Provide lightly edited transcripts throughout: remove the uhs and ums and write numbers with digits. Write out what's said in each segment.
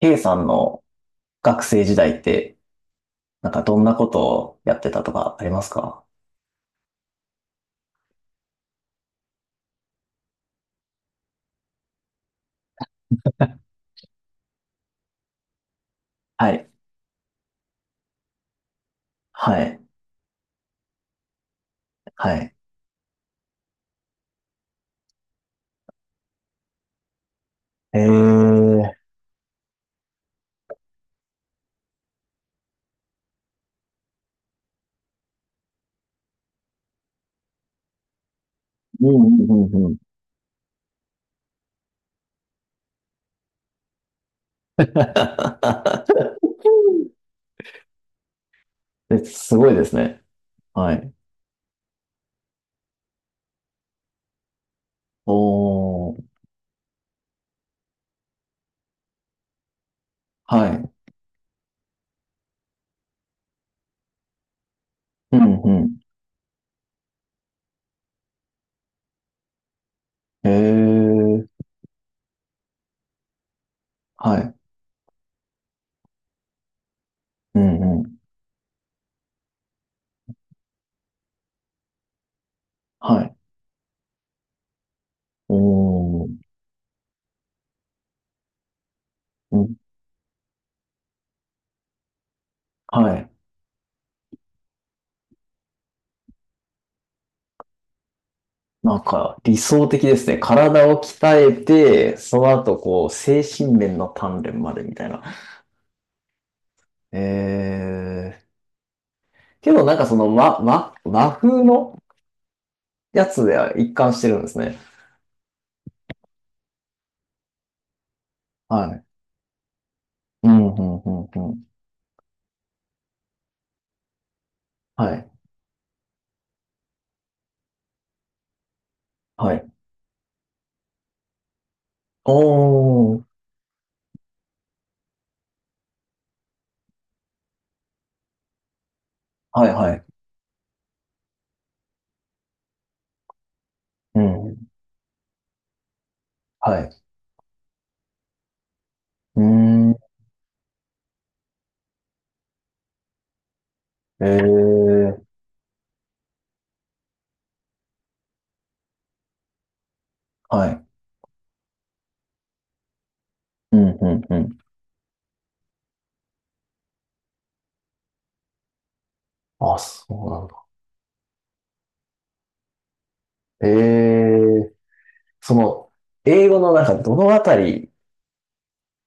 K さんの学生時代って、なんかどんなことをやってたとかありますか？はい、はい、はい。えー、うん、うん、うん、うん。え、すごいですね。はい。おー、はい。うん、うん。えー、はい。うん、うん。はい。おー、うん、はい。なんか理想的ですね。体を鍛えて、その後こう、精神面の鍛錬までみたいな。えーけどなんかその、ま、和風のやつでは一貫してるんですね。はい。うん、うん、うん、うん。はい。はい。おー。はい、はい。うん。はい。うーん。えー。はい。うん、うん、うん。あ、そうなんだ。えー。その、英語のなんかどのあたり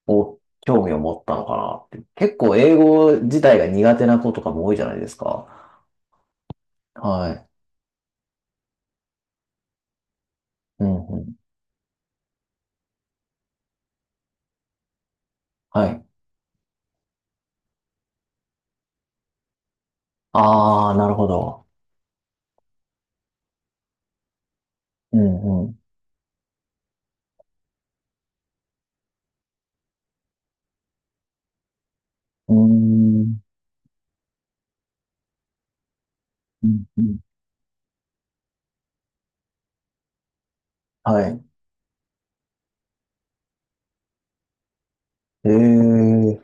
を興味を持ったのかなって。結構英語自体が苦手な子とかも多いじゃないですか。はい。うん、うん。はい。あー、なるほど。うん、うん。うーん、うん、うん。はい。ええ、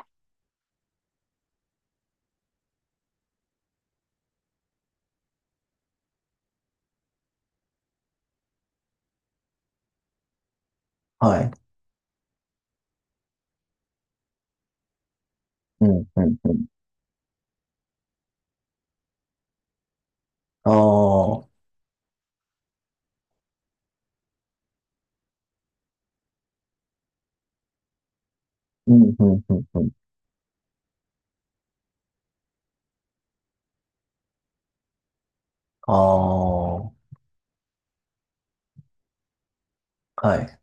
はい。うん、うん、うん。ああ、うん、うん、うん、うん。ああ、はい。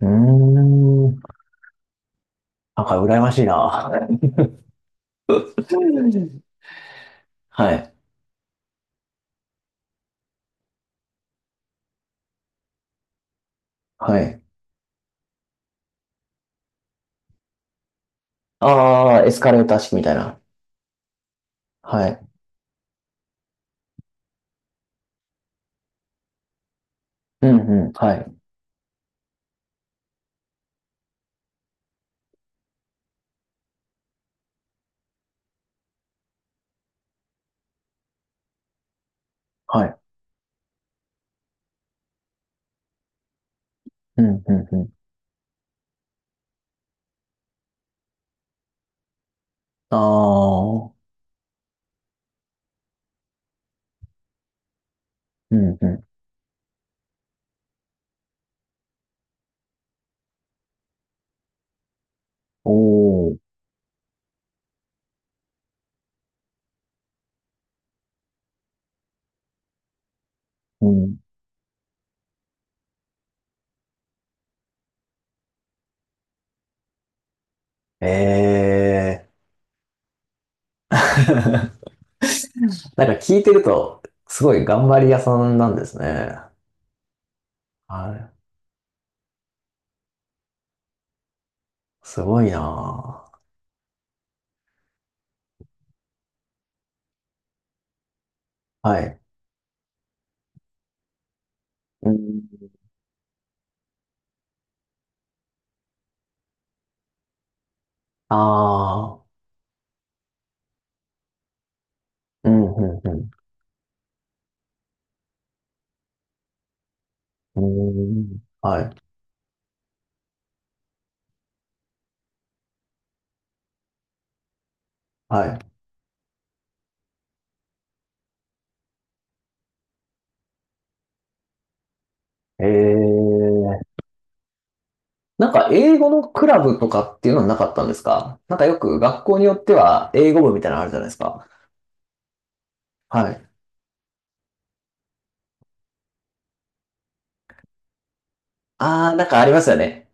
うーん。なんか羨ましいな。はい、はい。ああ、エスカレーター式みたいな。はい。うん、うん、はい、はい。うん、うん、うん。ああ、うん、うん。おお、うん。ええ。なんか聞いてると、すごい頑張り屋さんなんですね。はい。すごいなぁ。はい。うん。ああ。うん、うん、うん。うーん。はい。はい。ええ。なんか、英語のクラブとかっていうのはなかったんですか？なんかよく学校によっては、英語部みたいなのあるじゃないですか。はい。ああ、なんかありますよね。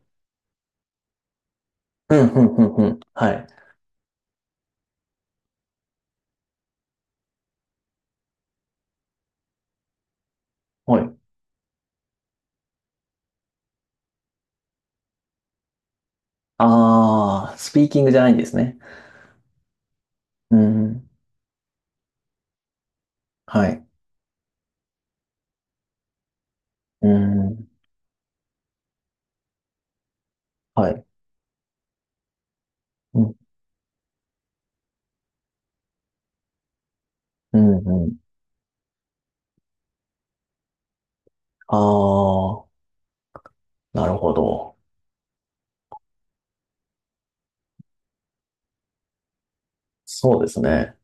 うん、うんうんうん。はい。はい。ああ、スピーキングじゃないんですね。うん。はい。うん。はい。うん、うん、うん。ああ、なるほど。そうですね。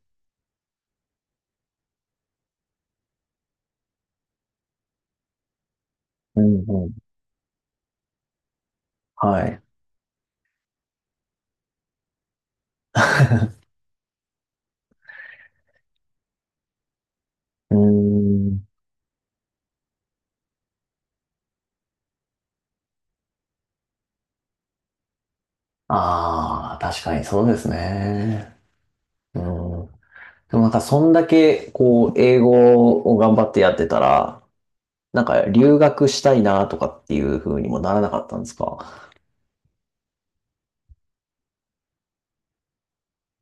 うんうん。はい。うーん。ああ、確かにそうですね。うん。でもなんかそんだけこう英語を頑張ってやってたら、なんか留学したいなとかっていう風にもならなかったんですか？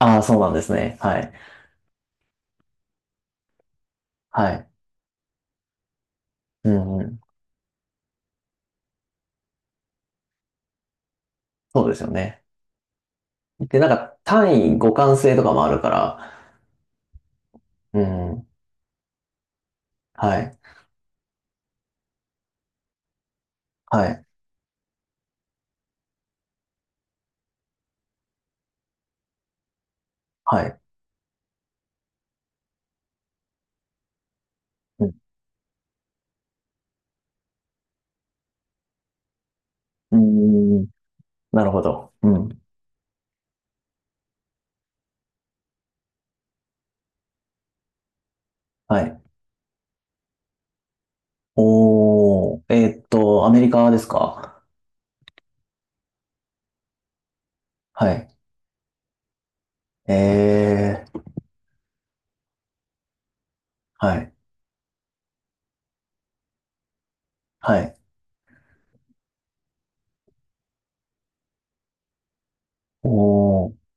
ああー、そうなんですね。はい。はい。うんうん。そうですよね。で、なんか単位互換性とかもあるから、うん。はい。はい。はい。うん。うーん。なるほど。うん。はい。おー、アメリカですか？はい。えー、はい、はい。おー、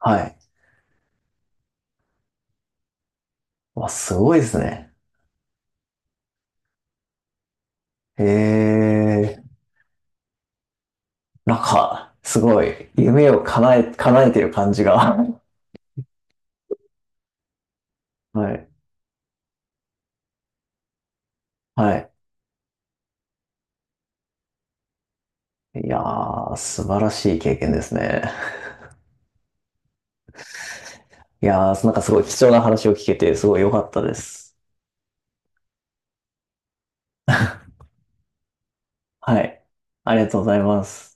はい。わ、すごいですね。えー、なんか、すごい、夢を叶えてる感じが。はい、はい。いやー、素晴らしい経験ですね。いやー、なんかすごい貴重な話を聞けて、すごい良かったです。はい。ありがとうございます。